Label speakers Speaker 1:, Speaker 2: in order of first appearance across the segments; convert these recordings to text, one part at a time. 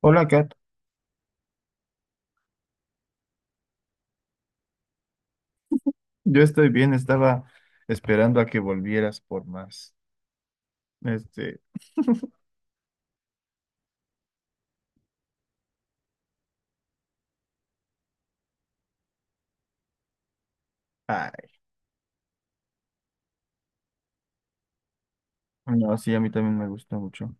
Speaker 1: Hola, Kat. Yo estoy bien, estaba esperando a que volvieras por más. Este, ay, no, sí, a mí también me gusta mucho.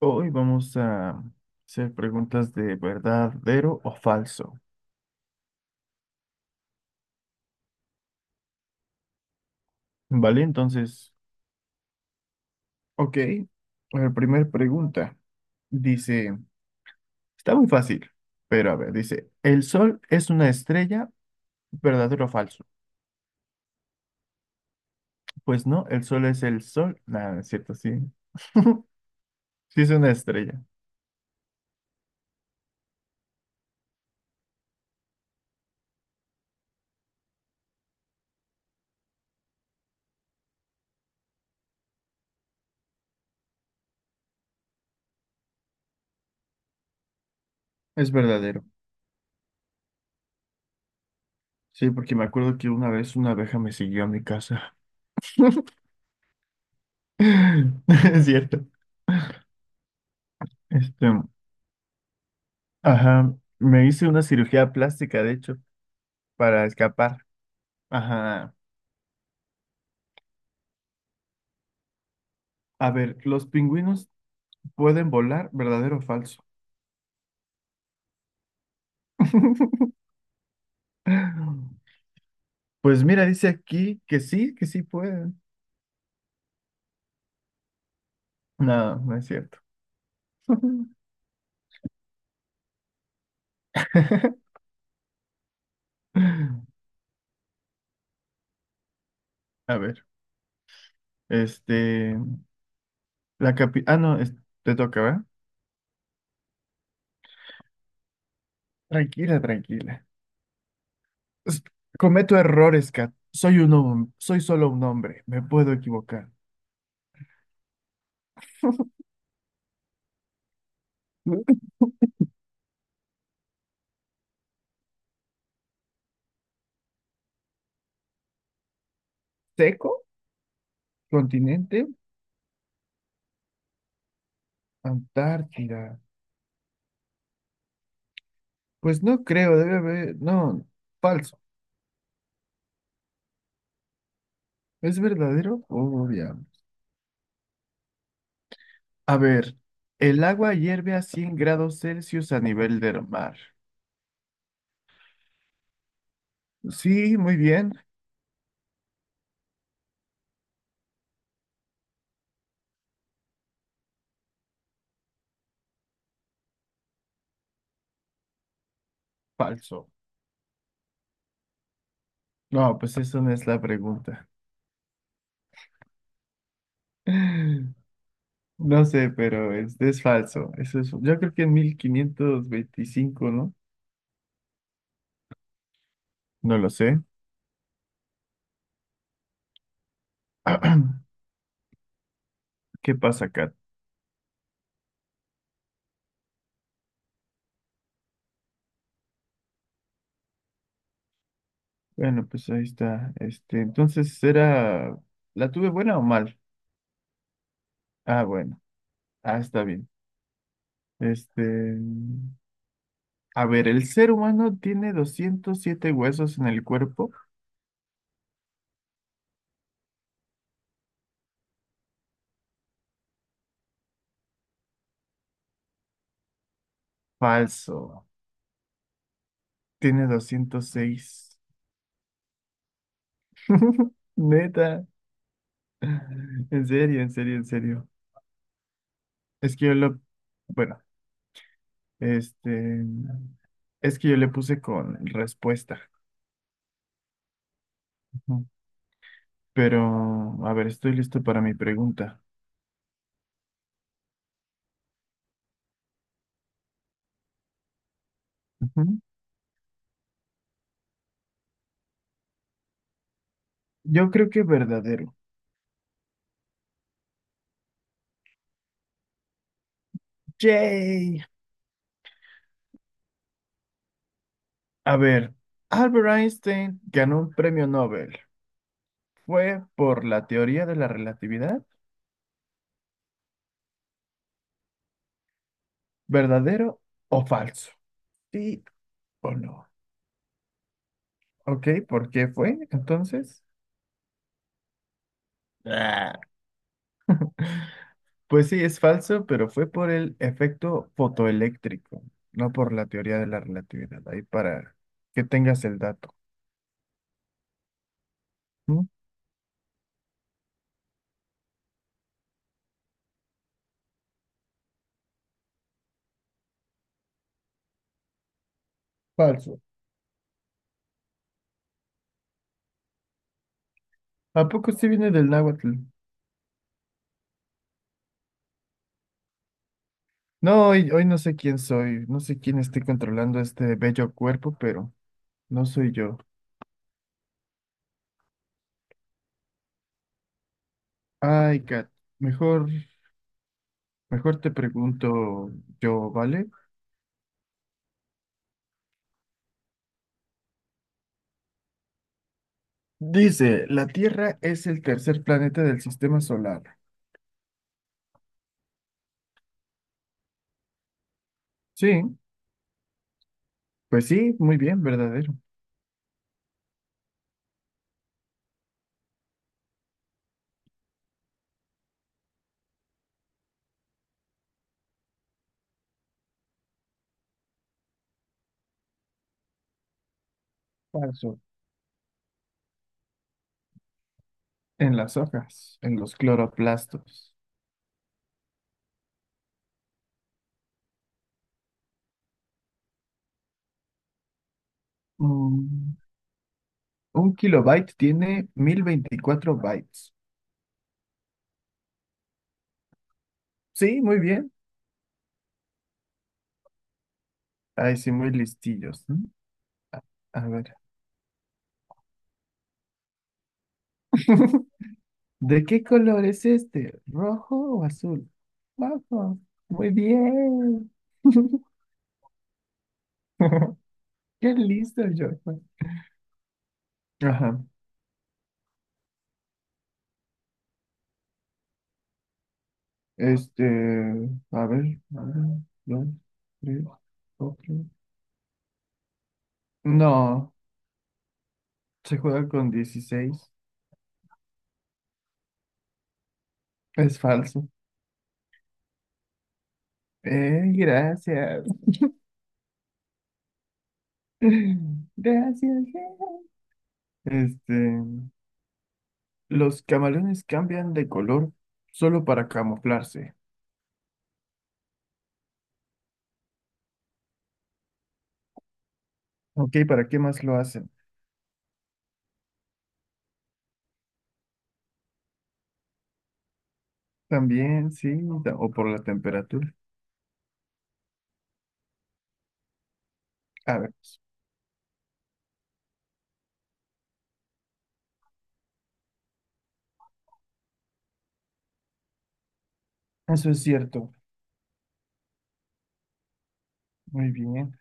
Speaker 1: Hoy vamos a hacer preguntas de verdadero o falso. ¿Vale? Entonces, ok. La primera pregunta dice, está muy fácil, pero a ver, dice, ¿el sol es una estrella? ¿Verdadero o falso? Pues no, el sol es el sol. Nada, no es cierto, sí. Sí es una estrella. Es verdadero. Sí, porque me acuerdo que una vez una abeja me siguió a mi casa. Es cierto. Este, ajá, me hice una cirugía plástica, de hecho, para escapar. Ajá. A ver, ¿los pingüinos pueden volar, verdadero o falso? Pues mira, dice aquí que sí pueden. No, no es cierto. A ver, este, Ah, no, te toca, ¿verdad? Tranquila, tranquila. Es- Cometo errores, Kat. Soy solo un hombre. Me puedo equivocar. ¿Seco? ¿Continente? Antártida. Pues no creo, debe haber. No, falso. ¿Es verdadero? Obvio. A ver, el agua hierve a 100 grados Celsius a nivel del mar. Sí, muy bien. Falso. No, pues eso no es la pregunta. No sé, pero es falso. Eso es, yo creo que en 1525, ¿no? No lo sé. ¿Qué pasa, Kat? Bueno, pues ahí está. Entonces era, ¿la tuve buena o mal? Ah, bueno. Ah, está bien. Este, a ver, el ser humano tiene 207 huesos en el cuerpo. Falso. Tiene 206. Neta. En serio, en serio, en serio. Es que yo lo, bueno, este, es que yo le puse con respuesta. Ujú. Pero, a ver, estoy listo para mi pregunta. Ujú. Yo creo que verdadero. Yay. A ver, Albert Einstein ganó un premio Nobel. ¿Fue por la teoría de la relatividad? ¿Verdadero o falso? Sí o no. Ok, ¿por qué fue entonces? Ah, pues sí, es falso, pero fue por el efecto fotoeléctrico, no por la teoría de la relatividad. Ahí para que tengas el dato. ¿Mm? Falso. ¿A poco sí viene del náhuatl? No, hoy no sé quién soy, no sé quién esté controlando este bello cuerpo, pero no soy yo. Ay, Kat, mejor, mejor te pregunto yo, ¿vale? Dice, la Tierra es el tercer planeta del sistema solar. Sí, pues sí, muy bien, verdadero. Falso. En las hojas, en los cloroplastos. Mm, un kilobyte tiene 1024 bytes. Sí, muy bien. Ay, sí, muy listillos, ¿no? A ver. ¿De qué color es este? ¿Rojo o azul? Rojo. Muy bien. Qué listo, yo. Ajá. Este, a ver, uno, dos, tres, cuatro. No, se juega con 16. Es falso. Gracias. Gracias. Este, los camaleones cambian de color solo para camuflarse. Ok, ¿para qué más lo hacen? También, sí, o por la temperatura. A ver, eso es cierto. Muy bien.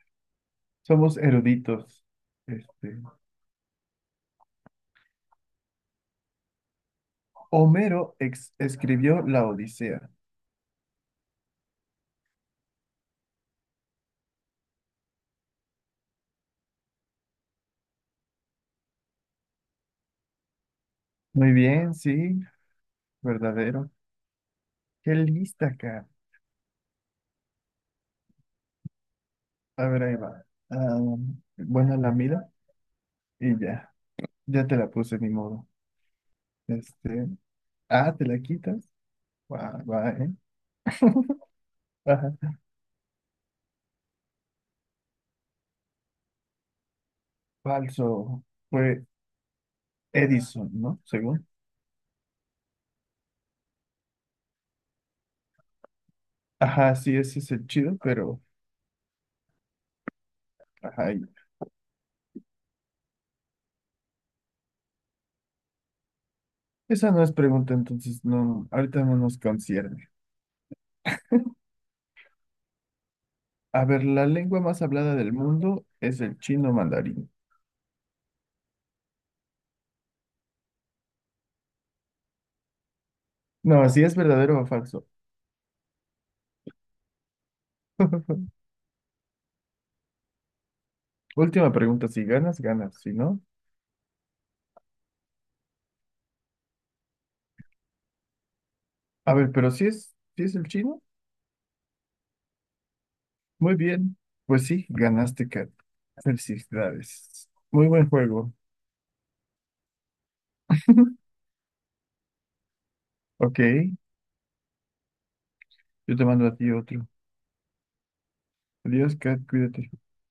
Speaker 1: Somos eruditos. Este, Homero escribió la Odisea. Muy bien, sí, verdadero. Qué lista acá. A ver, ahí va. Ah, buena la mira y ya. Ya te la puse, ni modo. Este, ah, ¿te la quitas? Va, va, ¿eh? Ajá. Falso. Fue Edison, ¿no? Según. Ajá, sí, ese es el chido, pero... Ajá, esa no es pregunta, entonces no, ahorita no nos concierne. A ver, la lengua más hablada del mundo es el chino mandarín. No, si es verdadero o falso. Última pregunta, si ganas, ganas, si no. A ver, pero si es el chino, muy bien. Pues sí, ganaste, Kat. Felicidades. Muy buen juego. Ok, yo te mando a ti otro. Adiós, Kat, cuídate.